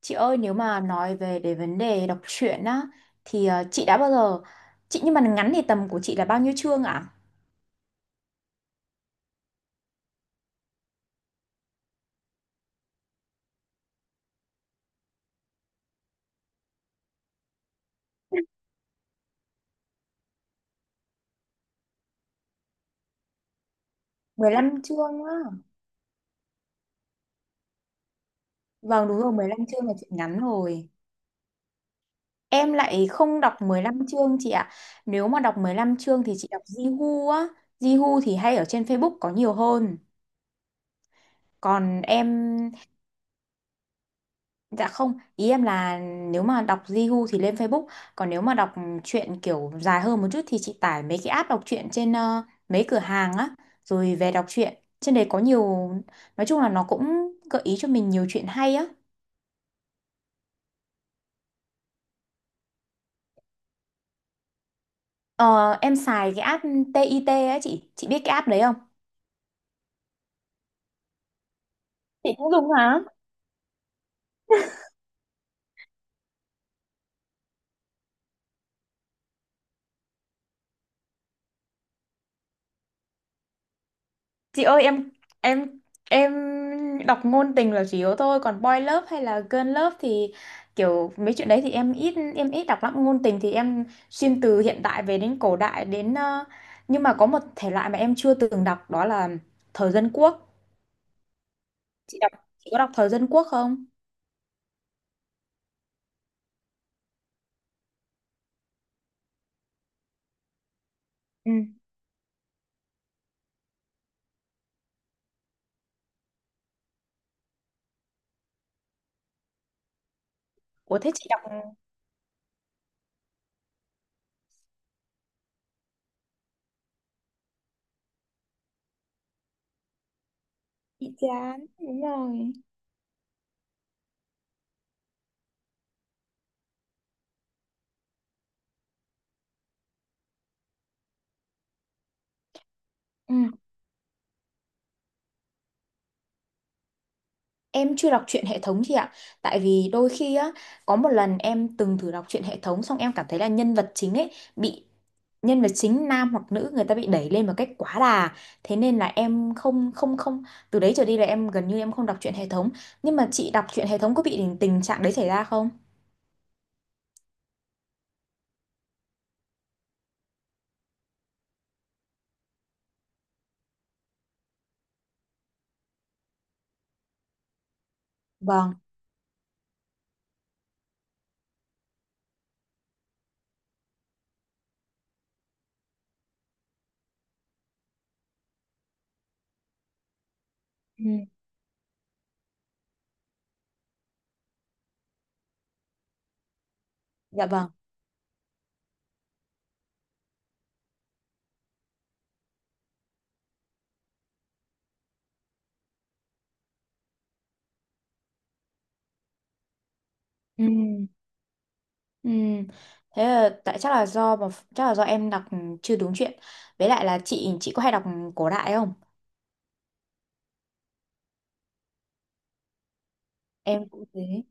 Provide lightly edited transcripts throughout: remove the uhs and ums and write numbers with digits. Chị ơi nếu mà nói về cái vấn đề đọc truyện á thì chị đã bao giờ chị nhưng mà ngắn thì tầm của chị là bao nhiêu chương ạ? 15 chương á. Vâng đúng rồi, 15 chương là chị ngắn rồi. Em lại không đọc 15 chương chị ạ. Nếu mà đọc 15 chương thì chị đọc Jihu á. Jihu thì hay ở trên Facebook có nhiều hơn. Còn em dạ không, ý em là nếu mà đọc Jihu thì lên Facebook, còn nếu mà đọc truyện kiểu dài hơn một chút thì chị tải mấy cái app đọc truyện trên mấy cửa hàng á, rồi về đọc truyện. Trên đấy có nhiều, nói chung là nó cũng gợi ý cho mình nhiều chuyện hay á. Ờ, em xài cái app TIT á chị biết cái app đấy không? Chị cũng dùng hả? Chị ơi em em em đọc ngôn tình là chủ yếu thôi, còn boy love hay là girl love thì kiểu mấy chuyện đấy thì em ít đọc lắm. Ngôn tình thì em xuyên từ hiện đại về đến cổ đại đến nhưng mà có một thể loại mà em chưa từng đọc đó là thời dân quốc. Chị đọc, chị có đọc thời dân quốc không? Ừ. Ủa thế chị đọc bị chán đúng rồi. Ừ. Em chưa đọc truyện hệ thống chị ạ. Tại vì đôi khi á có một lần em từng thử đọc truyện hệ thống. Xong em cảm thấy là nhân vật chính ấy bị, nhân vật chính nam hoặc nữ người ta bị đẩy lên một cách quá đà, thế nên là em không không không từ đấy trở đi là em gần như em không đọc truyện hệ thống. Nhưng mà chị đọc truyện hệ thống có bị tình tình trạng đấy xảy ra không? Vâng. Ừ. Dạ vâng. Ừ. Ừ. Thế là, tại chắc là do mà chắc là do em đọc chưa đúng chuyện. Với lại là chị có hay đọc cổ đại không? Em cũng thế.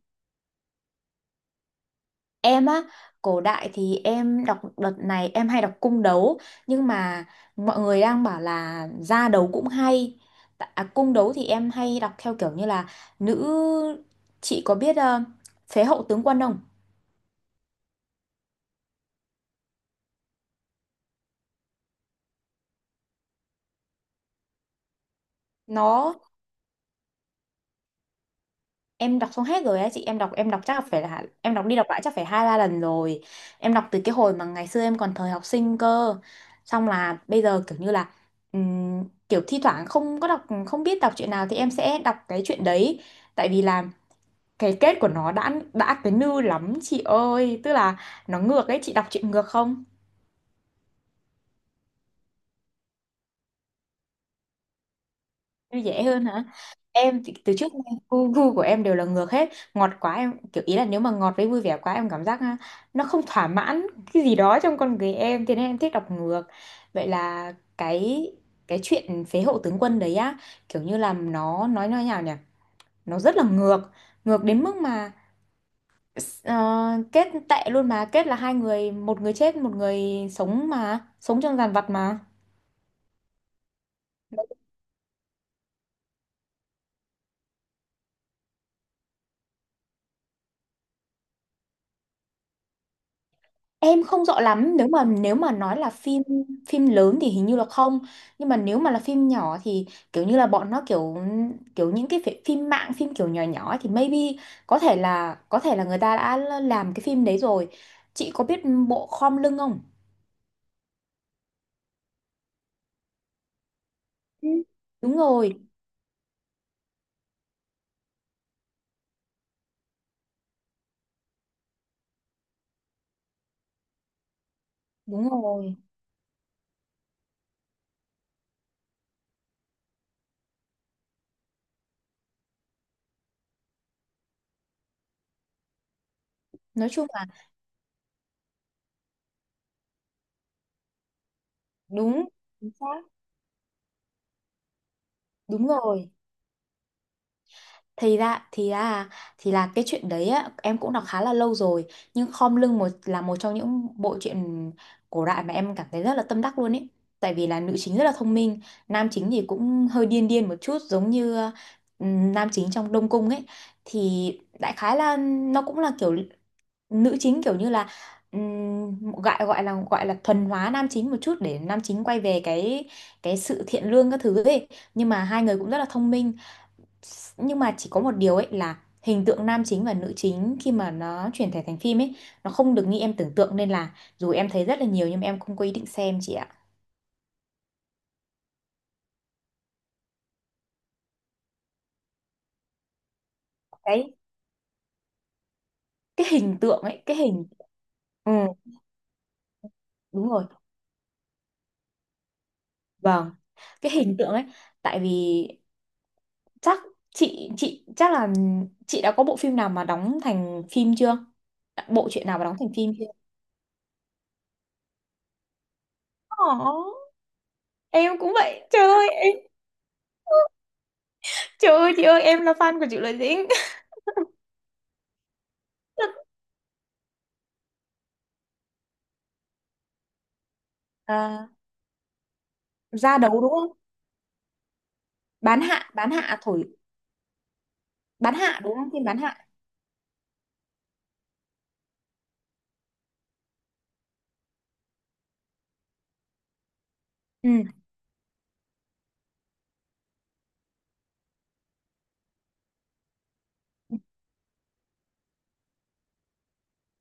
Em á, cổ đại thì em đọc, đợt này em hay đọc cung đấu, nhưng mà mọi người đang bảo là ra đấu cũng hay. Cung đấu thì em hay đọc theo kiểu như là nữ, chị có biết Phế Hậu Tướng Quân không? Nó em đọc xong hết rồi á chị. Em đọc, em đọc chắc là phải là em đọc đi đọc lại chắc phải 2-3 lần rồi. Em đọc từ cái hồi mà ngày xưa em còn thời học sinh cơ, xong là bây giờ kiểu như là kiểu thi thoảng không có đọc, không biết đọc chuyện nào thì em sẽ đọc cái chuyện đấy. Tại vì là cái kết của nó đã cái nư lắm chị ơi, tức là nó ngược ấy. Chị đọc chuyện ngược không? Như dễ hơn hả? Em thì từ trước nay gu của em đều là ngược hết, ngọt quá em kiểu ý là nếu mà ngọt với vui vẻ quá em cảm giác nó không thỏa mãn cái gì đó trong con người em, thế nên em thích đọc ngược. Vậy là cái chuyện Phế Hậu Tướng Quân đấy á kiểu như là nó nói như thế nào nhỉ, nó rất là ngược, ngược đến mức mà ờ, kết tệ luôn, mà kết là hai người, một người chết, một người sống mà sống trong dàn vật mà. Em không rõ lắm, nếu mà nói là phim, phim lớn thì hình như là không, nhưng mà nếu mà là phim nhỏ thì kiểu như là bọn nó kiểu, kiểu những cái phim mạng phim kiểu nhỏ nhỏ ấy thì maybe có thể là, có thể là người ta đã làm cái phim đấy rồi. Chị có biết bộ Khom Lưng không? Ừ. Đúng rồi, đúng rồi, nói chung là đúng, chính xác, đúng rồi, thì ra thì ra, thì là cái chuyện đấy á, em cũng đọc khá là lâu rồi, nhưng Khom Lưng một là một trong những bộ truyện cổ đại mà em cảm thấy rất là tâm đắc luôn ấy. Tại vì là nữ chính rất là thông minh, nam chính thì cũng hơi điên điên một chút giống như ừ, nam chính trong Đông Cung ấy. Thì đại khái là nó cũng là kiểu nữ chính kiểu như là gọi gọi là thuần hóa nam chính một chút để nam chính quay về cái sự thiện lương các thứ ấy. Nhưng mà hai người cũng rất là thông minh, nhưng mà chỉ có một điều ấy là hình tượng nam chính và nữ chính khi mà nó chuyển thể thành phim ấy nó không được như em tưởng tượng, nên là dù em thấy rất là nhiều nhưng mà em không có ý định xem chị ạ. cái cái hình tượng ấy, cái hình, ừ, đúng rồi, vâng, cái hình tượng ấy. Tại vì chắc chị chắc là chị đã có bộ phim nào mà đóng thành phim chưa, bộ truyện nào mà đóng thành phim chưa. Ồ, em cũng vậy, trời ơi, trời ơi chị ơi, em là fan của Triệu Lợi Dĩnh. À, ra đấu đúng không, bán hạ, bán hạ thổi, bán hạ đúng không, phim bán hạ, ừ,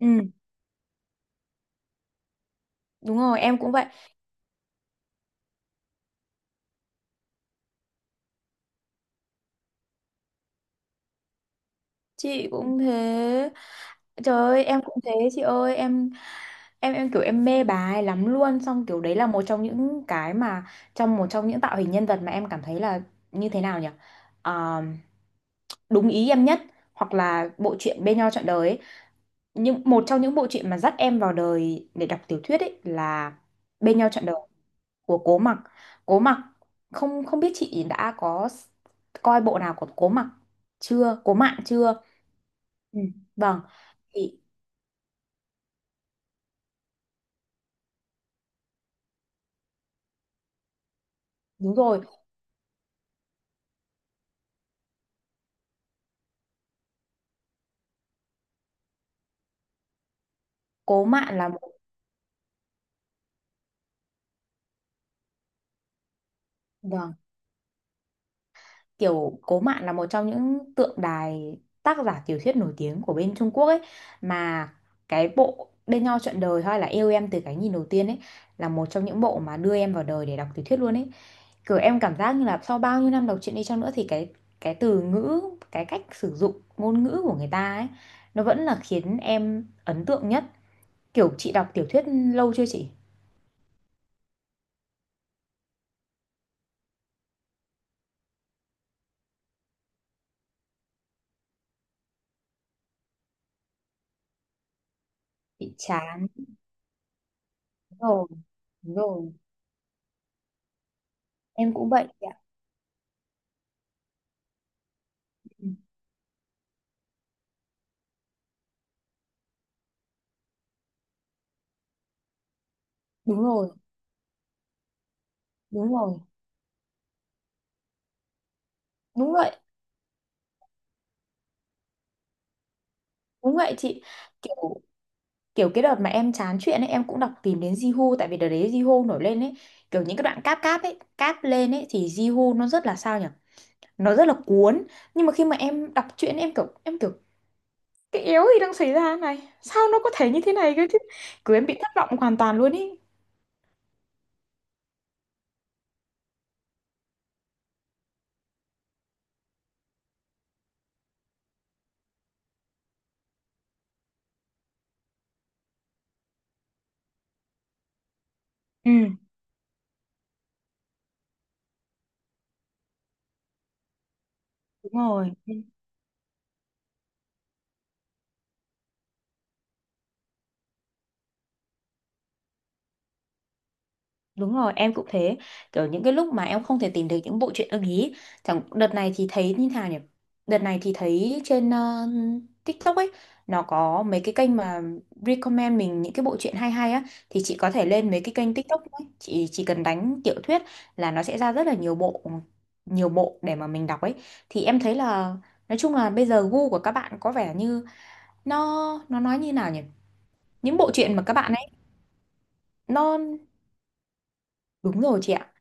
ừ, đúng rồi, em cũng vậy chị, cũng thế, trời ơi em cũng thế chị ơi, em em kiểu em mê bà ấy lắm luôn, xong kiểu đấy là một trong những cái mà trong một trong những tạo hình nhân vật mà em cảm thấy là như thế nào nhỉ, Ờ, đúng ý em nhất. Hoặc là bộ truyện Bên Nhau Trọn Đời ấy, những một trong những bộ truyện mà dắt em vào đời để đọc tiểu thuyết ấy là Bên Nhau Trọn Đời của Cố Mặc. Cố Mặc, không không biết chị đã có coi bộ nào của Cố Mặc chưa? Cố Mạn chưa? Ừ. Vâng, thì đúng rồi, Cố Mạn là một, vâng, kiểu Cố Mạn là một trong những tượng đài tác giả tiểu thuyết nổi tiếng của bên Trung Quốc ấy. Mà cái bộ Bên Nhau Trọn Đời hay là Yêu Em Từ Cái Nhìn Đầu Tiên ấy là một trong những bộ mà đưa em vào đời để đọc tiểu thuyết luôn ấy. Kiểu em cảm giác như là sau bao nhiêu năm đọc truyện đi chăng nữa thì cái từ ngữ, cái cách sử dụng ngôn ngữ của người ta ấy nó vẫn là khiến em ấn tượng nhất. Kiểu chị đọc tiểu thuyết lâu chưa chị? Bị chán, đúng rồi. Đúng rồi, em cũng vậy chị ạ. Ừ, đúng rồi, đúng rồi. Đúng vậy, đúng vậy chị. Kiểu kiểu cái đợt mà em chán chuyện ấy em cũng đọc tìm đến Jihu, tại vì đợt đấy Jihu nổi lên ấy, kiểu những cái đoạn cáp cáp ấy, cáp lên ấy thì Jihu nó rất là sao nhỉ? Nó rất là cuốn. Nhưng mà khi mà em đọc truyện em kiểu cái yếu gì đang xảy ra này, sao nó có thể như thế này cơ chứ, cứ em bị thất vọng hoàn toàn luôn ý. Ừ, đúng rồi, đúng rồi, em cũng thế. Kiểu những cái lúc mà em không thể tìm được những bộ truyện ưng ý. Chẳng đợt này thì thấy như nào nhỉ? Đợt này thì thấy trên TikTok ấy, nó có mấy cái kênh mà recommend mình những cái bộ truyện hay hay á, thì chị có thể lên mấy cái kênh TikTok ấy, chị chỉ cần đánh tiểu thuyết là nó sẽ ra rất là nhiều bộ, nhiều bộ để mà mình đọc ấy. Thì em thấy là nói chung là bây giờ gu của các bạn có vẻ như nó nói như nào nhỉ? Những bộ truyện mà các bạn ấy nó đúng rồi chị ạ.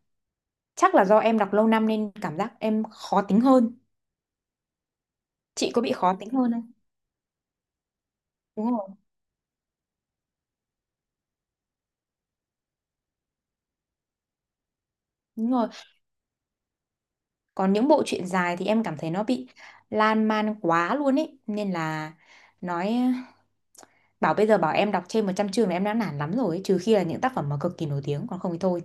Chắc là do em đọc lâu năm nên cảm giác em khó tính hơn. Chị có bị khó tính hơn không? Đúng rồi, đúng rồi. Còn những bộ truyện dài thì em cảm thấy nó bị lan man quá luôn ấy. Nên là nói bảo bây giờ bảo em đọc trên 100 chương là em đã nản lắm rồi ấy. Trừ khi là những tác phẩm mà cực kỳ nổi tiếng còn không thì thôi.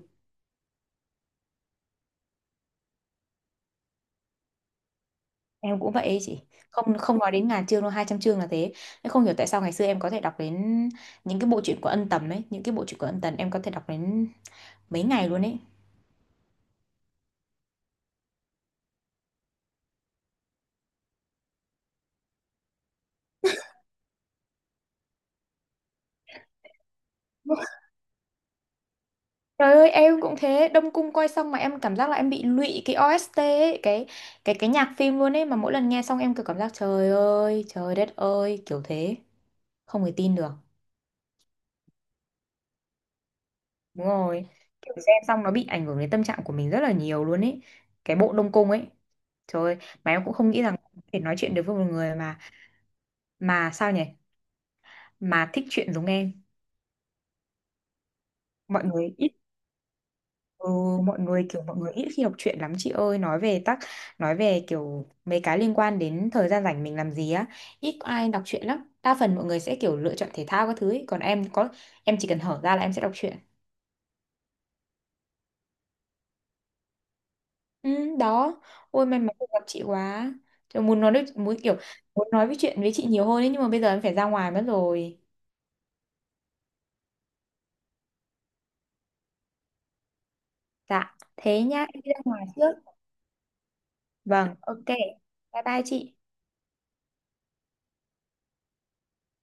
Em cũng vậy ấy chị. Không không nói đến ngàn chương đâu, 200 chương là thế. Em không hiểu tại sao ngày xưa em có thể đọc đến những cái bộ truyện của Ân Tầm ấy, những cái bộ truyện của Ân Tần em có thể đọc đến mấy ngày luôn ấy. Trời ơi em cũng thế, Đông Cung coi xong mà em cảm giác là em bị lụy cái OST ấy, cái cái nhạc phim luôn ấy, mà mỗi lần nghe xong em kiểu cảm giác trời ơi trời đất ơi kiểu thế, không thể tin được, đúng rồi, kiểu xem xong nó bị ảnh hưởng đến tâm trạng của mình rất là nhiều luôn ấy, cái bộ Đông Cung ấy, trời ơi, mà em cũng không nghĩ rằng có thể nói chuyện được với một người mà sao nhỉ mà thích chuyện giống em. Mọi người ít, ừ, mọi người kiểu mọi người ít khi đọc truyện lắm chị ơi, nói về tắc nói về kiểu mấy cái liên quan đến thời gian rảnh mình làm gì á, ít có ai đọc truyện lắm, đa phần mọi người sẽ kiểu lựa chọn thể thao các thứ ấy. Còn em có em chỉ cần hở ra là em sẽ đọc truyện. Ừ, đó. Ôi may mắn được gặp chị quá. Trời, muốn nói được muốn kiểu muốn nói với chuyện với chị nhiều hơn ấy nhưng mà bây giờ em phải ra ngoài mất rồi. Dạ thế nhá em đi ra ngoài trước. Vâng, ok. Bye bye chị.